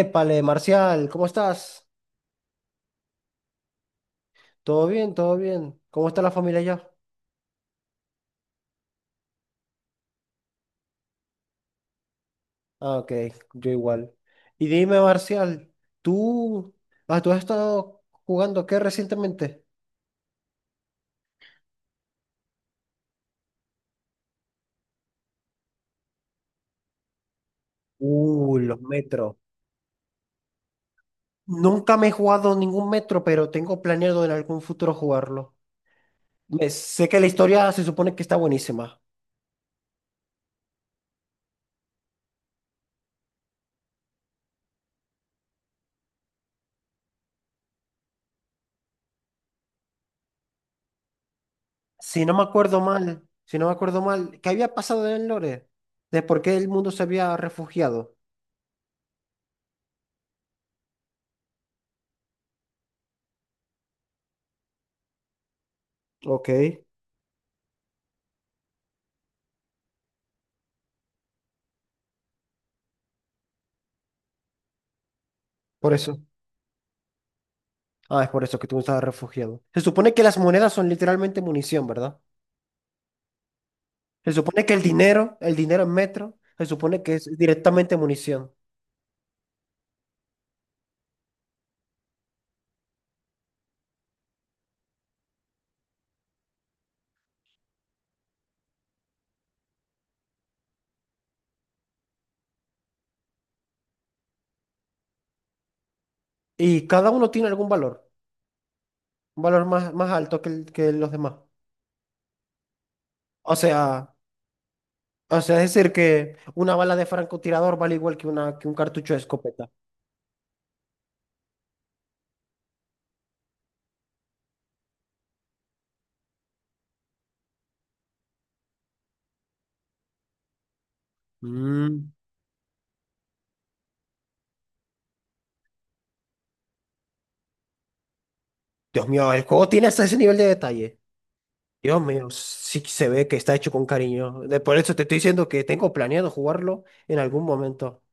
Épale, Marcial, ¿cómo estás? ¿Todo bien? ¿Todo bien? ¿Cómo está la familia ya? Ah, ok, yo igual. Y dime, Marcial, ¿tú, tú has estado jugando qué recientemente? Los metros. Nunca me he jugado ningún metro, pero tengo planeado en algún futuro jugarlo. Sé que la historia se supone que está buenísima. Si no me acuerdo mal, si no me acuerdo mal, ¿qué había pasado en el lore? ¿De por qué el mundo se había refugiado? Ok, por eso. Ah, es por eso que tú estabas refugiado. Se supone que las monedas son literalmente munición, ¿verdad? Se supone que el dinero en metro, se supone que es directamente munición. Y cada uno tiene algún valor, un valor más alto que los demás. O sea, o sea, es decir que una bala de francotirador vale igual que un cartucho de escopeta. Mm, Dios mío, el juego tiene hasta ese nivel de detalle. Dios mío, sí que se ve que está hecho con cariño. Por eso te estoy diciendo que tengo planeado jugarlo en algún momento.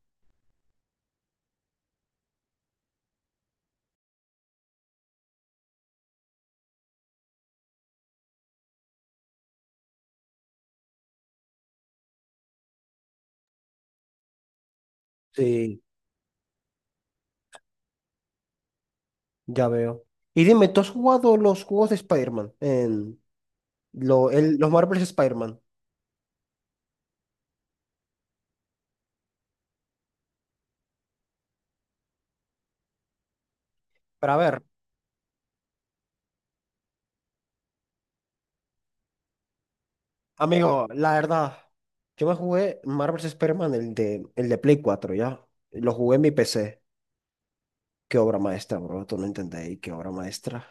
Sí. Ya veo. Y dime, ¿tú has jugado los juegos de Spider-Man? En los Marvel's Spider-Man. Pero ver, Amigo, la verdad, yo me jugué Marvel's Spider-Man, el de Play cuatro, ¿ya? Lo jugué en mi PC. Qué obra maestra, bro. Tú no entendéis, qué obra maestra.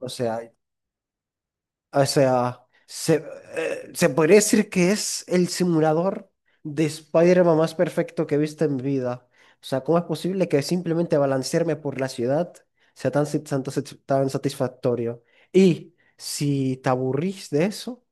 O sea, O sea, se, Se podría decir que es el simulador de Spider-Man más perfecto que he visto en mi vida. O sea, ¿cómo es posible que simplemente balancearme por la ciudad sea tan satisfactorio? Y si te aburrís de eso,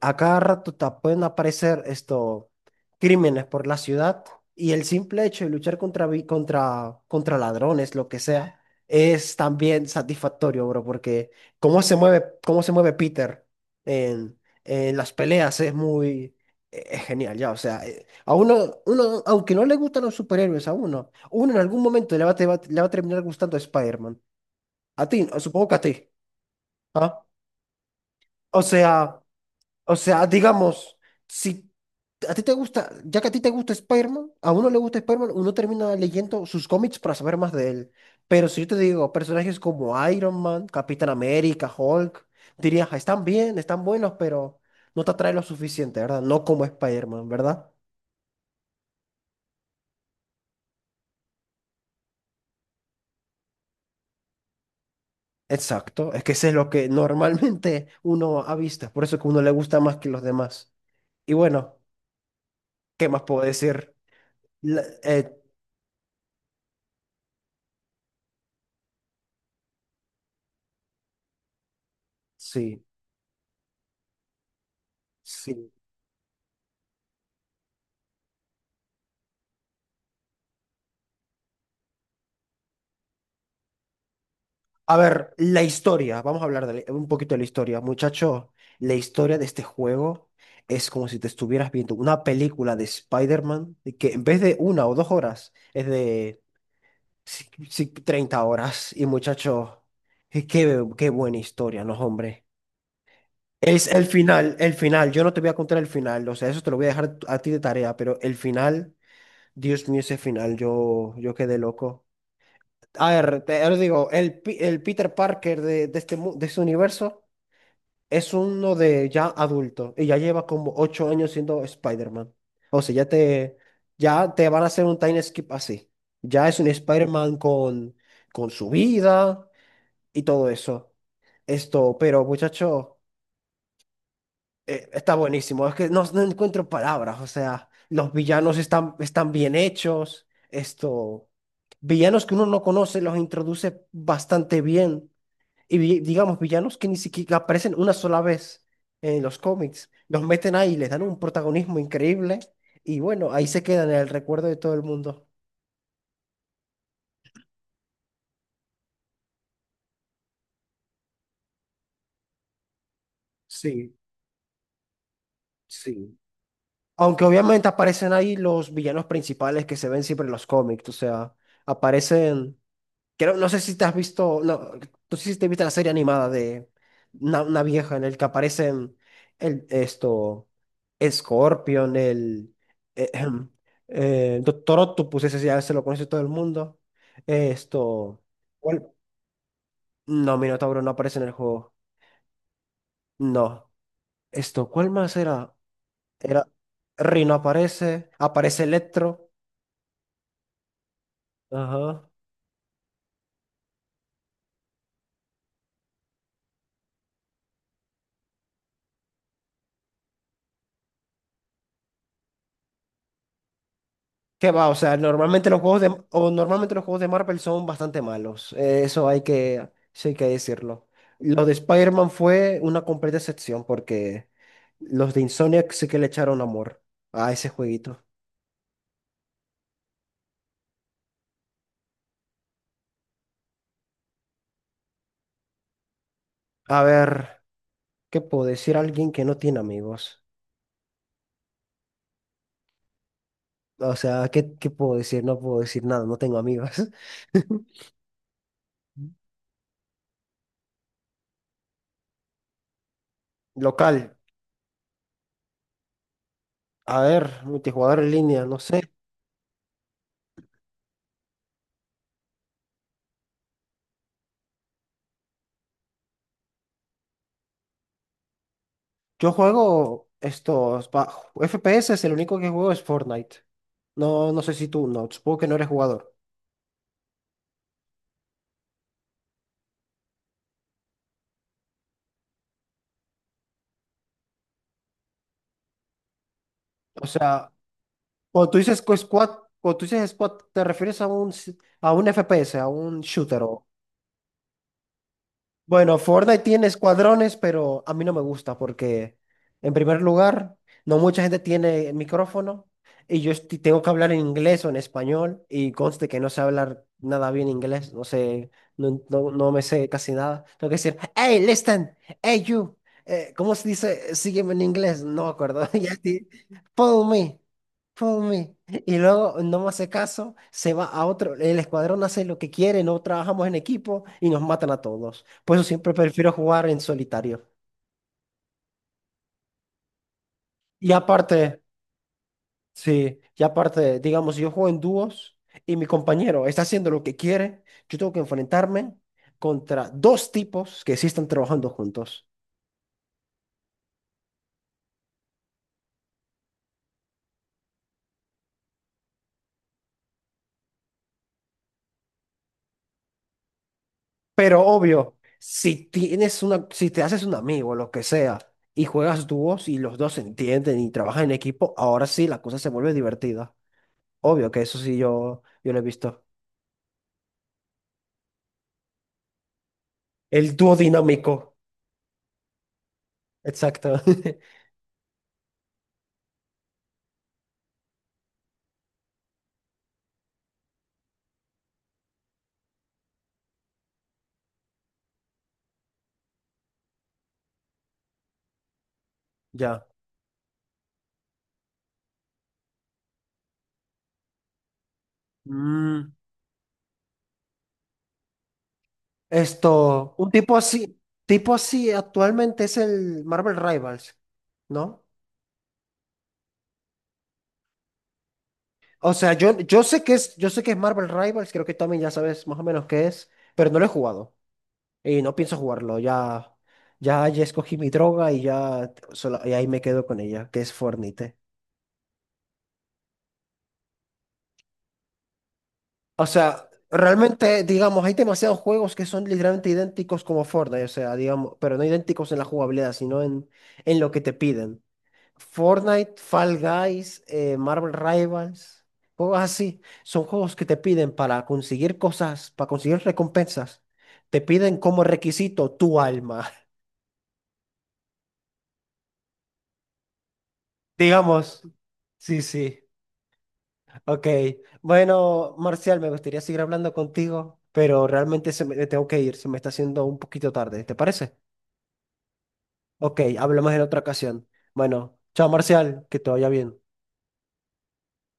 a cada rato te pueden aparecer esto, crímenes por la ciudad, y el simple hecho de luchar contra ladrones, lo que sea, es también satisfactorio, bro, porque cómo se mueve Peter en las peleas es muy... Es genial, ya, o sea, a uno, aunque no le gustan los superhéroes, a uno en algún momento le va a terminar gustando Spider-Man. A ti, supongo que a ti. ¿Ah? O sea, digamos, si a ti te gusta, ya que a ti te gusta Spider-Man, a uno le gusta Spider-Man, uno termina leyendo sus cómics para saber más de él. Pero si yo te digo personajes como Iron Man, Capitán América, Hulk, dirías, "Ah, están bien, están buenos, pero no te atrae lo suficiente, ¿verdad? No como Spider-Man, ¿verdad? Exacto, es que ese es lo que normalmente uno avista, por eso que uno le gusta más que los demás. Y bueno, ¿qué más puedo decir? La- eh, sí, sí. A ver, la historia, vamos a hablar de un poquito de la historia. Muchacho, la historia de este juego es como si te estuvieras viendo una película de Spider-Man y que en vez de una o dos horas es de 30 horas. Y muchacho, y qué, qué buena historia, ¿no, hombre? Es el final, el final. Yo no te voy a contar el final, o sea, eso te lo voy a dejar a ti de tarea, pero el final, Dios mío, ese final, yo quedé loco. A ver, te, os digo, el Peter Parker de este, de este universo, es uno de ya adulto y ya lleva como 8 años siendo Spider-Man. O sea, ya te van a hacer un time skip así. Ya es un Spider-Man con su vida y todo eso. Esto, pero muchacho, está buenísimo. Es que no, no encuentro palabras. O sea, los villanos están bien hechos. Esto, villanos que uno no conoce los introduce bastante bien, y digamos villanos que ni siquiera aparecen una sola vez en los cómics. Los meten ahí, les dan un protagonismo increíble y bueno, ahí se quedan en el recuerdo de todo el mundo. Sí, sí. Aunque obviamente aparecen ahí los villanos principales que se ven siempre en los cómics, o sea, aparecen. Creo, no sé si te has visto, no, no sé si te viste la serie animada de una vieja en el que aparecen el, esto, Scorpion, el ejem, Doctor Octopus, ese ya se lo conoce todo el mundo. Esto, ¿cuál? No, Minotauro no aparece en el juego. No. Esto, ¿cuál más era? Era, Rino aparece, aparece Electro. Ajá. ¿Qué va? O sea, normalmente los juegos de, o normalmente los juegos de Marvel son bastante malos. Eso hay que, sí hay que decirlo. Lo de Spider-Man fue una completa excepción porque los de Insomniac sí que le echaron amor a ese jueguito. A ver, ¿qué puedo decir a alguien que no tiene amigos? O sea, ¿qué, qué puedo decir? No puedo decir nada, no tengo amigos. Local, a ver, multijugador en línea, no sé. Yo juego estos FPS, es el único que juego, es Fortnite. No, no sé si tú, no, supongo que no eres jugador. O sea, cuando tú dices squad, ¿te refieres a a un FPS, a un shooter o, bueno, Fortnite tiene escuadrones, pero a mí no me gusta porque, en primer lugar, no mucha gente tiene micrófono y yo tengo que hablar en inglés o en español, y conste que no sé hablar nada bien inglés, no sé, no me sé casi nada. Tengo que decir, hey, listen, hey, you, ¿cómo se dice? Sígueme en inglés, no me acuerdo. Ya, sí, Follow me, follow me. Y luego no me hace caso, se va a otro, el escuadrón hace lo que quiere, no trabajamos en equipo y nos matan a todos. Por eso siempre prefiero jugar en solitario. Y aparte, sí, y aparte, digamos, si yo juego en dúos y mi compañero está haciendo lo que quiere, yo tengo que enfrentarme contra dos tipos que sí están trabajando juntos. Pero obvio, si te haces un amigo, lo que sea, y juegas dúos y los dos se entienden y trabajan en equipo, ahora sí la cosa se vuelve divertida. Obvio que eso sí yo lo he visto. El dúo dinámico. Exacto. Ya. Mm, esto, tipo así actualmente es el Marvel Rivals, ¿no? O sea, yo sé que es Marvel Rivals, creo que también ya sabes más o menos qué es, pero no lo he jugado y no pienso jugarlo. Ya, ya escogí mi droga y ya, y ahí me quedo con ella, que es Fornite. O sea, realmente, digamos, hay demasiados juegos que son literalmente idénticos como Fortnite, o sea, digamos, pero no idénticos en la jugabilidad, sino en lo que te piden. Fortnite, Fall Guys, Marvel Rivals, juegos así, son juegos que te piden para conseguir cosas, para conseguir recompensas, te piden como requisito tu alma, digamos. Sí, sí, ok. Bueno, Marcial, me gustaría seguir hablando contigo, pero realmente se me, tengo que ir, se me está haciendo un poquito tarde, ¿te parece? Ok, hablamos en otra ocasión. Bueno, chao Marcial, que te vaya bien.